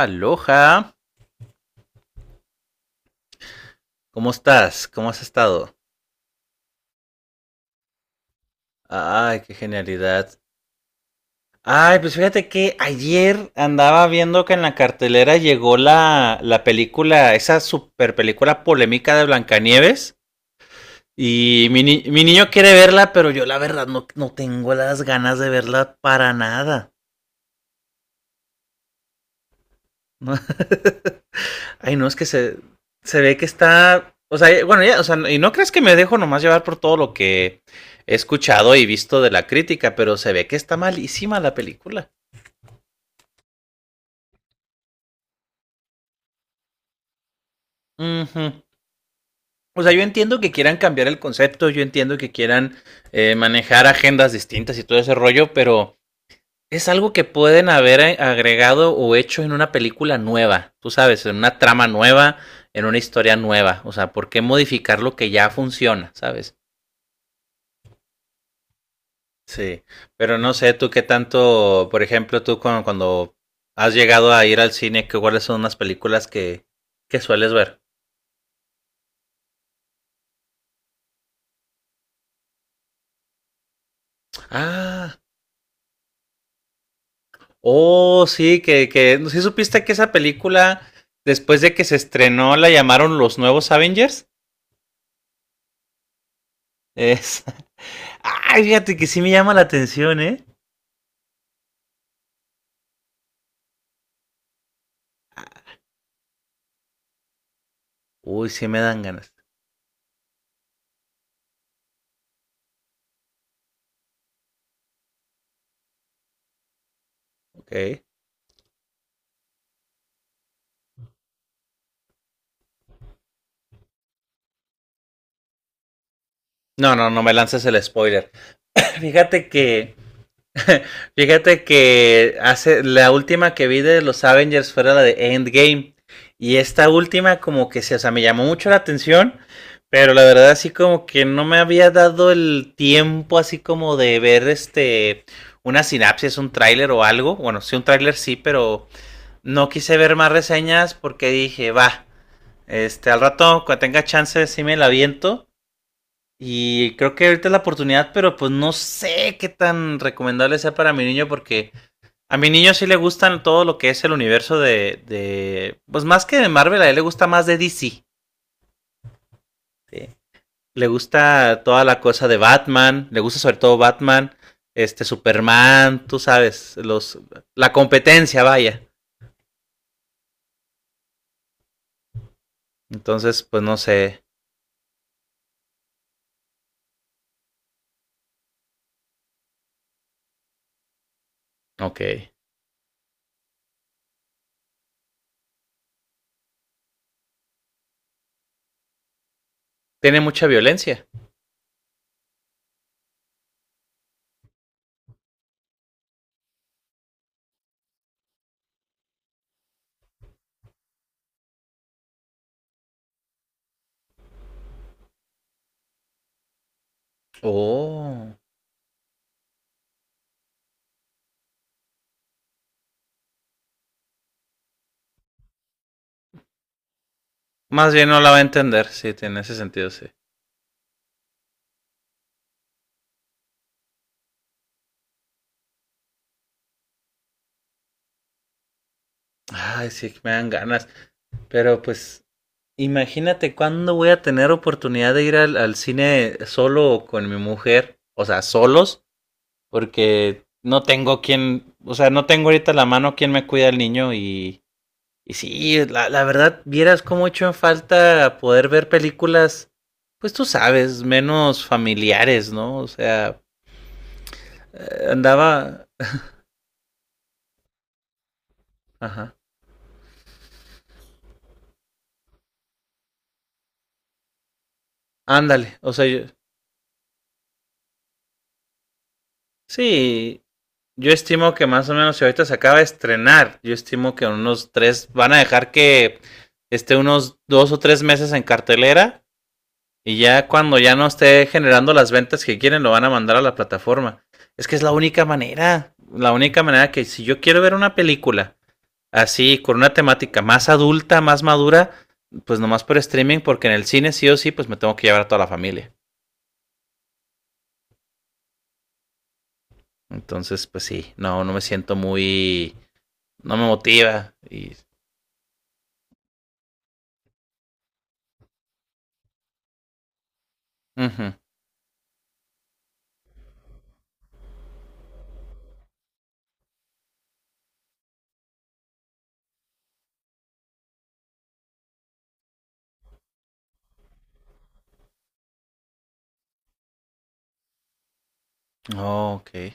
Aloha, ¿cómo estás? ¿Cómo has estado? Ay, qué genialidad. Ay, pues fíjate que ayer andaba viendo que en la cartelera llegó la película, esa super película polémica de Blancanieves. Y mi, ni- mi niño quiere verla, pero yo la verdad no, no tengo las ganas de verla para nada. Ay, no, es que se ve que está. O sea, bueno, ya, o sea, y no crees que me dejo nomás llevar por todo lo que he escuchado y visto de la crítica, pero se ve que está malísima la película. Ujú. O sea, yo entiendo que quieran cambiar el concepto, yo entiendo que quieran manejar agendas distintas y todo ese rollo, pero es algo que pueden haber agregado o hecho en una película nueva, tú sabes, en una trama nueva, en una historia nueva. O sea, ¿por qué modificar lo que ya funciona, sabes? Sí, pero no sé tú qué tanto, por ejemplo, tú cuando has llegado a ir al cine, que cuáles son unas películas que sueles ver. Ah, oh, sí, ¿sí supiste que esa película, después de que se estrenó, la llamaron Los Nuevos Avengers? Es... Ay, fíjate que sí me llama la atención, ¿eh? Uy, sí me dan ganas. Ok. No, no, no me lances el spoiler. Fíjate que Fíjate que hace la última que vi de los Avengers fue la de Endgame. Y esta última como que se, o sea, me llamó mucho la atención, pero la verdad así como que no me había dado el tiempo así como de ver este una sinapsis, un tráiler o algo. Bueno, sí un tráiler sí, pero no quise ver más reseñas porque dije, va, este al rato cuando tenga chance sí me la aviento. Y creo que ahorita es la oportunidad, pero pues no sé qué tan recomendable sea para mi niño porque a mi niño sí le gustan todo lo que es el universo de pues más que de Marvel, a él le gusta más de DC. ¿Sí? Le gusta toda la cosa de Batman, le gusta sobre todo Batman, este Superman, tú sabes, los la competencia, vaya. Entonces, pues no sé. Ok. Tiene mucha violencia. Oh. Más bien no la va a entender, sí, tiene ese sentido, sí. Ay, sí, me dan ganas. Pero pues imagínate cuándo voy a tener oportunidad de ir al cine solo o con mi mujer, o sea, solos, porque no tengo quien, o sea, no tengo ahorita a la mano quien me cuida al niño y sí, la verdad, vieras cómo he hecho en falta poder ver películas, pues tú sabes, menos familiares, ¿no? O sea, andaba, ajá, ándale, o sea, yo- sí, yo estimo que más o menos si ahorita se acaba de estrenar, yo estimo que unos tres van a dejar que esté unos dos o tres meses en cartelera y ya cuando ya no esté generando las ventas que quieren lo van a mandar a la plataforma. Es que es la única manera que si yo quiero ver una película así con una temática más adulta, más madura, pues nomás por streaming porque en el cine sí o sí pues me tengo que llevar a toda la familia. Entonces pues sí, no, no me siento muy, no me motiva y... Uh -huh. Oh, ok.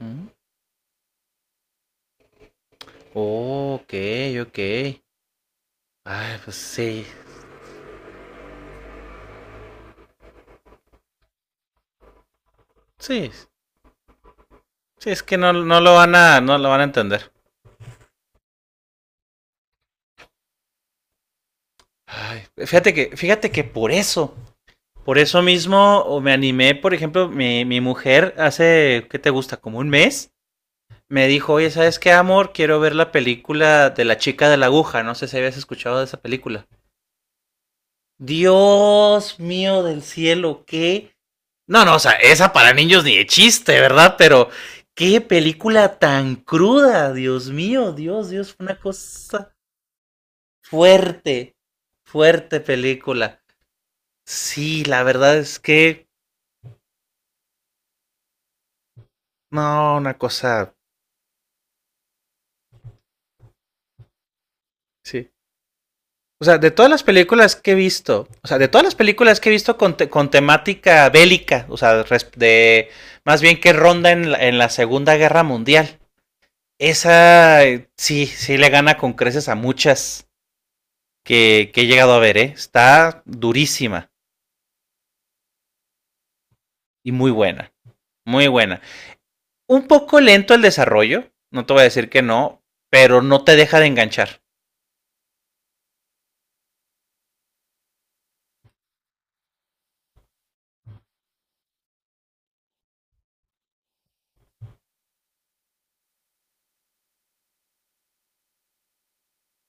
Ujú. Oh, ok, ok. Ay, pues sí. Sí. Sí, es que no, no lo van a, no lo van a entender. Ay, fíjate que por eso. Por eso mismo o me animé, por ejemplo, mi mujer hace, ¿qué te gusta? Como un mes. Me dijo, oye, ¿sabes qué, amor? Quiero ver la película de la chica de la aguja. No sé si habías escuchado de esa película. Dios mío del cielo, qué. No, no, o sea, esa para niños ni de chiste, ¿verdad? Pero qué película tan cruda, Dios mío, Dios, Dios, fue una cosa fuerte, fuerte película. Sí, la verdad es que, no, una cosa, sí. O sea, de todas las películas que he visto, o sea, de todas las películas que he visto con, te- con temática bélica, o sea, res- de más bien que ronda en en la Segunda Guerra Mundial, esa sí, sí le gana con creces a muchas. Que he llegado a ver, ¿eh? Está durísima y muy buena. Muy buena. Un poco lento el desarrollo, no te voy a decir que no, pero no te deja de enganchar.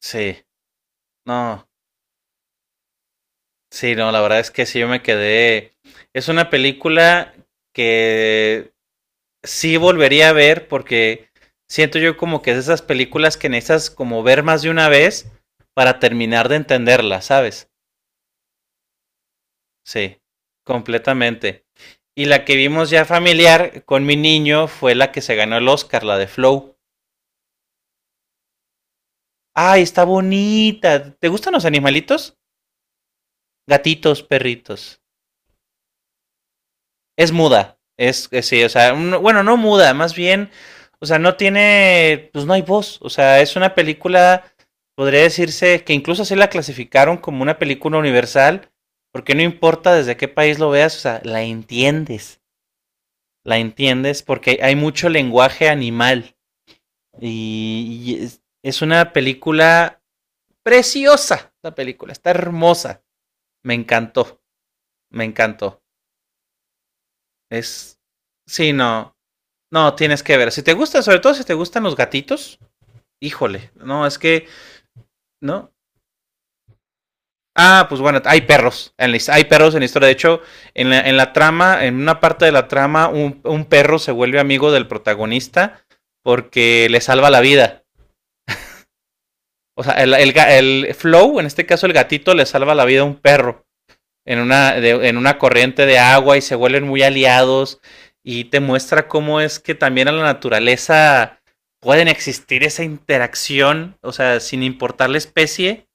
Sí, no, sí, no, la verdad es que sí, yo me quedé. Es una película que sí volvería a ver porque siento yo como que es de esas películas que necesitas como ver más de una vez para terminar de entenderla, ¿sabes? Sí, completamente. Y la que vimos ya familiar con mi niño fue la que se ganó el Oscar, la de Flow. Ay, está bonita. ¿Te gustan los animalitos? Gatitos, perritos. Es muda. Sí, o sea, un- bueno, no muda, más bien, o sea, no tiene, pues no hay voz. O sea, es una película, podría decirse que incluso así la clasificaron como una película universal, porque no importa desde qué país lo veas, o sea, la entiendes. La entiendes porque hay mucho lenguaje animal y es, una película preciosa, la película, está hermosa, me encantó, me encantó. Es, sí, no, no, tienes que ver, si te gusta, sobre todo si te gustan los gatitos, híjole, no, es que, ¿no? Ah, pues bueno, hay perros. En la, hay perros en la historia. De hecho, en la trama, en una parte de la trama, perro se vuelve amigo del protagonista porque le salva la vida. O sea, el Flow, en este caso el gatito, le salva la vida a un perro en en una corriente de agua y se vuelven muy aliados y te muestra cómo es que también en la naturaleza pueden existir esa interacción, o sea, sin importar la especie,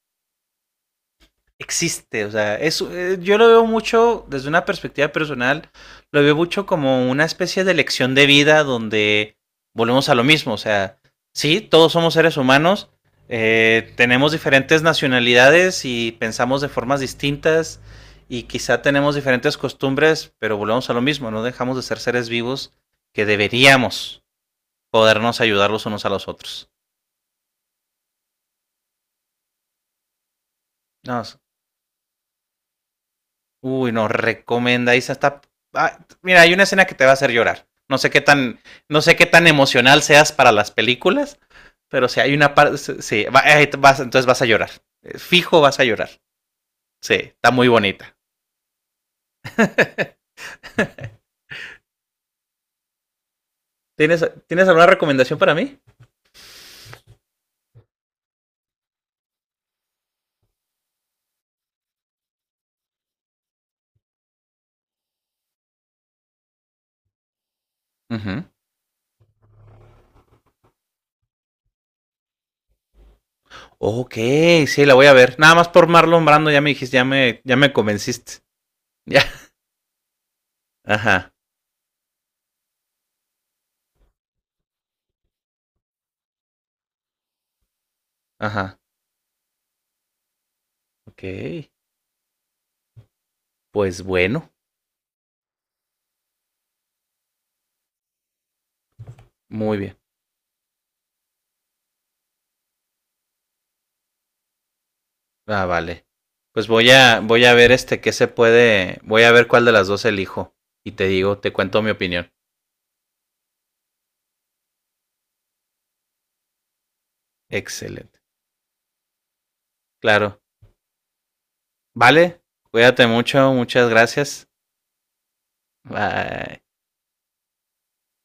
existe. O sea, es, yo lo veo mucho desde una perspectiva personal, lo veo mucho como una especie de lección de vida donde volvemos a lo mismo. O sea, sí, todos somos seres humanos, tenemos diferentes nacionalidades y pensamos de formas distintas y quizá tenemos diferentes costumbres, pero volvemos a lo mismo, no dejamos de ser seres vivos que deberíamos podernos ayudar los unos a los otros. No, uy, no, recomendáis hasta. Ah, mira, hay una escena que te va a hacer llorar. No sé qué tan, no sé qué tan emocional seas para las películas, pero si hay una parte, sí, entonces vas a llorar. Fijo vas a llorar. Sí, está muy bonita. ¿Tienes alguna recomendación para mí? Ujú. Ok, sí, la voy a ver. Nada más por Marlon Brando ya me dijiste, ya me convenciste. Ya. Ajá, ajá. Ok. Pues bueno, muy bien. Ah, vale. Pues voy a, voy a ver este qué se puede, voy a ver cuál de las dos elijo y te digo, te cuento mi opinión. Excelente. Claro. Vale, cuídate mucho, muchas gracias. Bye.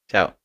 Chao.